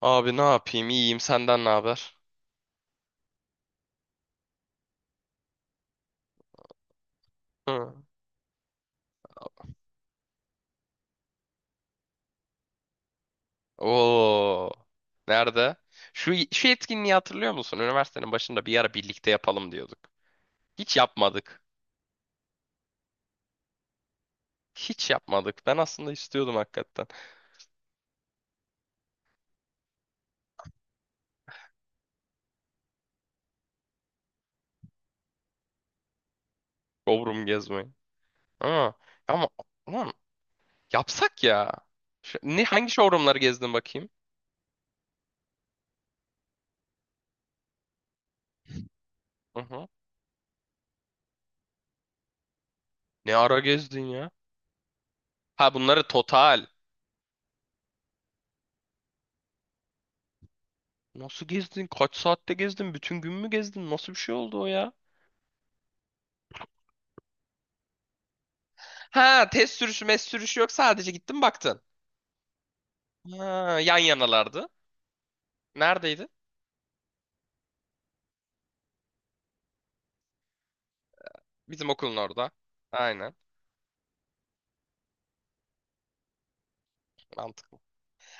Abi ne yapayım? İyiyim. Senden ne haber? Hı. Oo. Nerede? Şu etkinliği hatırlıyor musun? Üniversitenin başında bir ara birlikte yapalım diyorduk. Hiç yapmadık. Hiç yapmadık. Ben aslında istiyordum hakikaten. Showroom gezmeyi. Ha. Ama lan yapsak ya. Ne hangi showroomları gezdin bakayım? Hı hı. Ne ara gezdin ya? Ha bunları total. Nasıl gezdin? Kaç saatte gezdin? Bütün gün mü gezdin? Nasıl bir şey oldu o ya? Ha test sürüşü, mes sürüşü yok. Sadece gittin baktın. Ha, yan yanalardı. Neredeydi? Bizim okulun orada. Aynen. Mantıklı.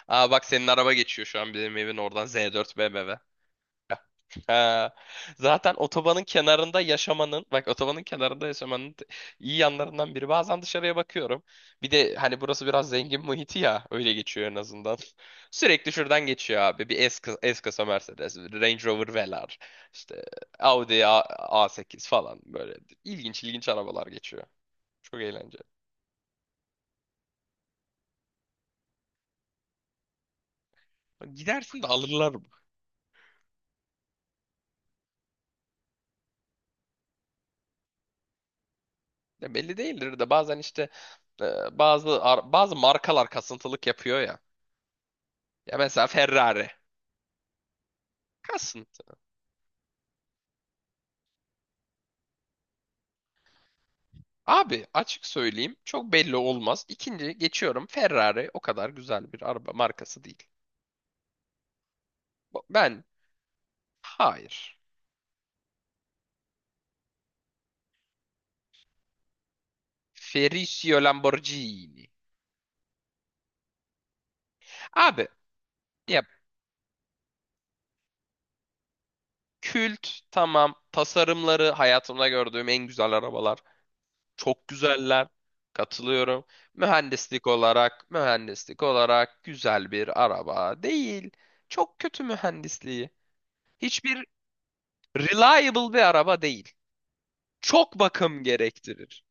Aa bak senin araba geçiyor şu an bizim evin oradan Z4 BMW. Ha, zaten otobanın kenarında yaşamanın, bak otobanın kenarında yaşamanın iyi yanlarından biri. Bazen dışarıya bakıyorum. Bir de hani burası biraz zengin muhiti ya, öyle geçiyor en azından. Sürekli şuradan geçiyor abi. Bir S kasa Mercedes, Range Rover Velar, işte Audi A8 falan böyle ilginç ilginç arabalar geçiyor. Çok eğlenceli. Gidersin de alırlar mı? Ya belli değildir de bazen işte bazı bazı markalar kasıntılık yapıyor ya. Ya mesela Ferrari. Kasıntı. Abi açık söyleyeyim çok belli olmaz. İkinci geçiyorum Ferrari o kadar güzel bir araba markası değil. Ben hayır. Ferruccio Lamborghini. Abi ya kült tamam, tasarımları hayatımda gördüğüm en güzel arabalar. Çok güzeller. Katılıyorum. Mühendislik olarak, güzel bir araba değil. Çok kötü mühendisliği. Hiçbir reliable bir araba değil. Çok bakım gerektirir.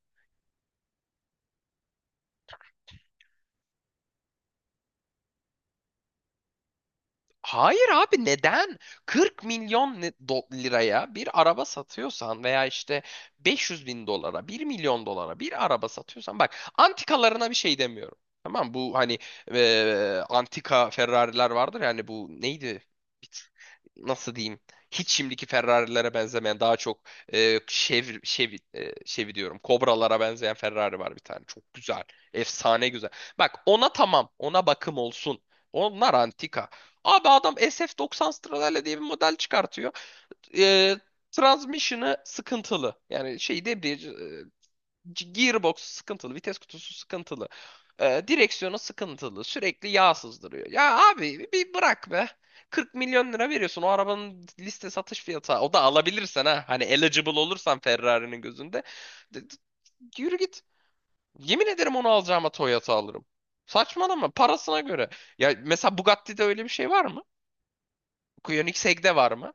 Hayır abi neden? 40 milyon liraya bir araba satıyorsan veya işte 500 bin dolara, 1 milyon dolara bir araba satıyorsan bak, antikalarına bir şey demiyorum. Tamam, bu hani antika Ferrari'ler vardır, yani bu neydi? Hiç- Nasıl diyeyim? Hiç şimdiki Ferrari'lere benzemeyen, daha çok Chevy diyorum. Kobralara benzeyen Ferrari var bir tane. Çok güzel. Efsane güzel. Bak ona tamam. Ona bakım olsun. Onlar antika. Abi adam SF90 Stradalia diye bir model çıkartıyor. Ee, transmission'ı sıkıntılı. Yani şey debriyaj, gearbox sıkıntılı, vites kutusu sıkıntılı. Direksiyonu sıkıntılı. Sürekli yağ sızdırıyor. Ya abi bir bırak be. 40 milyon lira veriyorsun o arabanın liste satış fiyatı. O da alabilirsen ha. Hani eligible olursan Ferrari'nin gözünde. D- d- Yürü git. Yemin ederim onu alacağıma Toyota alırım. Saçmalama parasına göre. Ya mesela Bugatti'de öyle bir şey var mı? Koenigsegg'de var mı?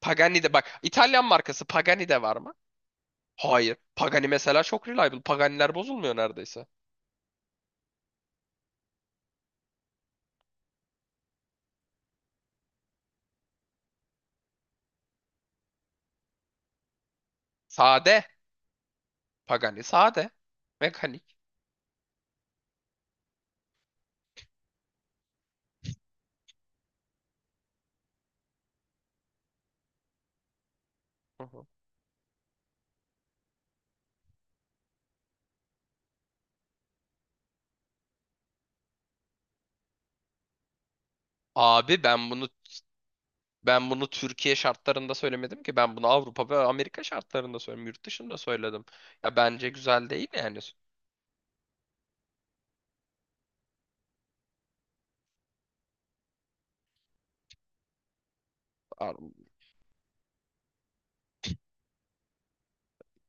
Pagani'de, bak İtalyan markası Pagani'de var mı? Hayır. Pagani mesela çok reliable. Pagani'ler bozulmuyor neredeyse. Sade. Pagani sade. Mekanik. Hı hı. Abi ben bunu Türkiye şartlarında söylemedim ki. Ben bunu Avrupa ve Amerika şartlarında söyledim. Yurt dışında söyledim. Ya bence güzel değil yani. Ar-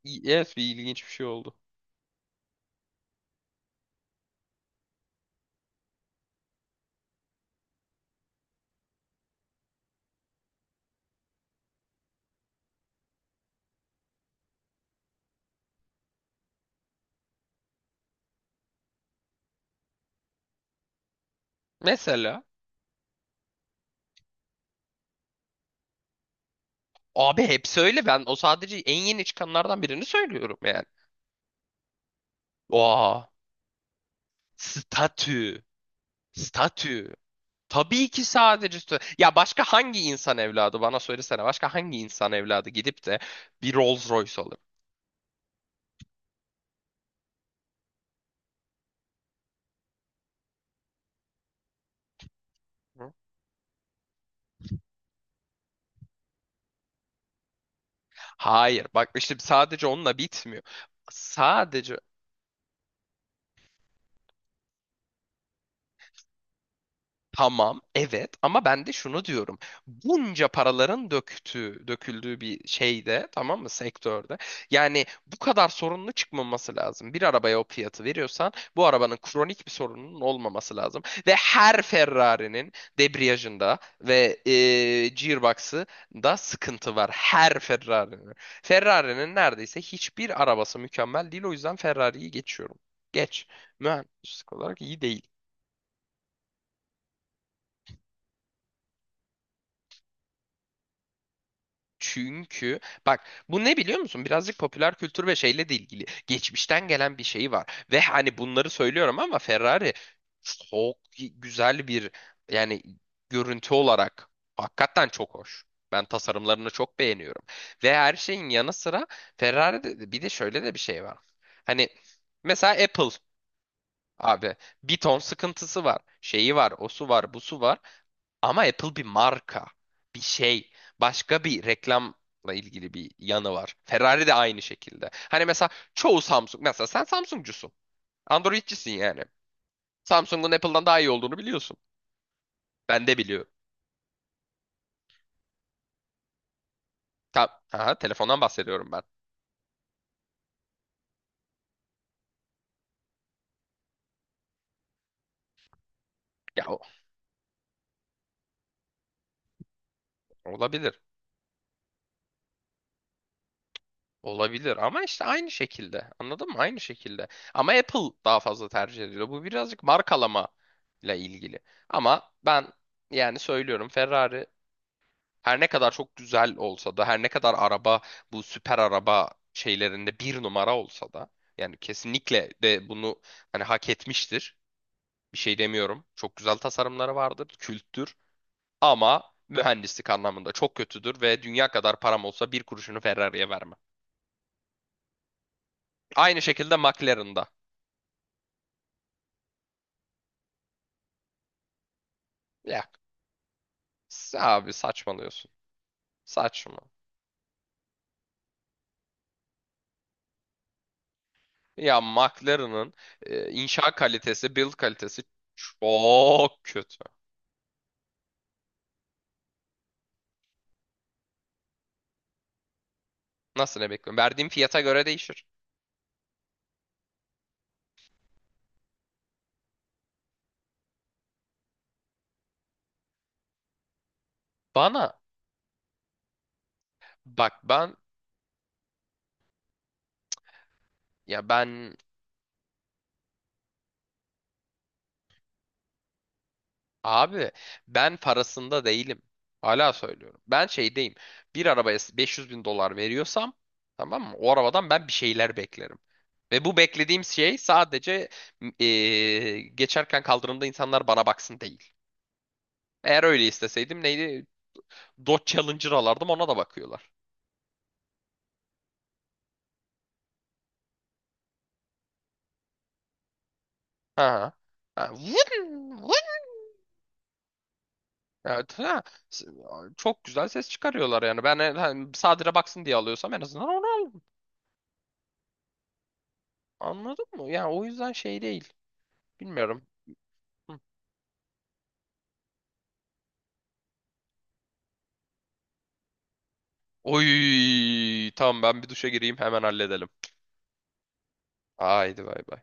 Yes, bir ilginç bir şey oldu. Mesela abi hepsi öyle. Ben o sadece en yeni çıkanlardan birini söylüyorum yani. Oha. Statü. Statü. Tabii ki sadece ya başka hangi insan evladı bana söylesene, başka hangi insan evladı gidip de bir Rolls Royce alır? Hı? Hayır, bak işte sadece onunla bitmiyor. Sadece Tamam, evet, ama ben de şunu diyorum. Bunca paraların döktüğü, döküldüğü bir şeyde, tamam mı, sektörde. Yani bu kadar sorunlu çıkmaması lazım. Bir arabaya o fiyatı veriyorsan bu arabanın kronik bir sorununun olmaması lazım. Ve her Ferrari'nin debriyajında ve gearbox'ı da sıkıntı var. Her Ferrari'nin. Ferrari'nin neredeyse hiçbir arabası mükemmel değil. O yüzden Ferrari'yi geçiyorum. Geç. Mühendislik olarak iyi değil. Çünkü bak, bu ne biliyor musun? Birazcık popüler kültür ve şeyle de ilgili. Geçmişten gelen bir şey var. Ve hani bunları söylüyorum ama Ferrari çok güzel bir, yani görüntü olarak hakikaten çok hoş. Ben tasarımlarını çok beğeniyorum. Ve her şeyin yanı sıra Ferrari'de bir de şöyle de bir şey var. Hani mesela Apple abi, bir ton sıkıntısı var. Şeyi var, o su var, bu su var. Ama Apple bir marka, bir şey, başka bir reklamla ilgili bir yanı var. Ferrari de aynı şekilde. Hani mesela çoğu Samsung, mesela sen Samsungcusun. Androidcisin yani. Samsung'un Apple'dan daha iyi olduğunu biliyorsun. Ben de biliyorum. Tam, aha, telefondan bahsediyorum ben. Ya olabilir. Olabilir ama işte aynı şekilde. Anladın mı? Aynı şekilde. Ama Apple daha fazla tercih ediliyor. Bu birazcık markalama ile ilgili. Ama ben yani söylüyorum, Ferrari her ne kadar çok güzel olsa da, her ne kadar araba bu süper araba şeylerinde bir numara olsa da, yani kesinlikle de bunu hani hak etmiştir. Bir şey demiyorum. Çok güzel tasarımları vardır, külttür ama mühendislik anlamında çok kötüdür ve dünya kadar param olsa bir kuruşunu Ferrari'ye vermem. Aynı şekilde McLaren'da. Ya abi saçmalıyorsun. Saçma. Ya McLaren'ın inşa kalitesi, build kalitesi çok kötü. Nasıl ne bekliyorum? Verdiğim fiyata göre değişir. Bana bak, ya ben abi ben parasında değilim. Hala söylüyorum. Ben şeydeyim. Bir arabaya 500 bin dolar veriyorsam, tamam mı? O arabadan ben bir şeyler beklerim. Ve bu beklediğim şey sadece geçerken kaldırımda insanlar bana baksın değil. Eğer öyle isteseydim neydi? Dodge Challenger alardım, ona da bakıyorlar. Ha. Ha. Vın, vın. Evet, ha. S- Çok güzel ses çıkarıyorlar yani. Ben hani sadire baksın diye alıyorsam en azından onu al. Anladın mı? Yani o yüzden şey değil. Bilmiyorum. Hı. Oy, tamam, ben bir duşa gireyim hemen halledelim. Haydi bay bay.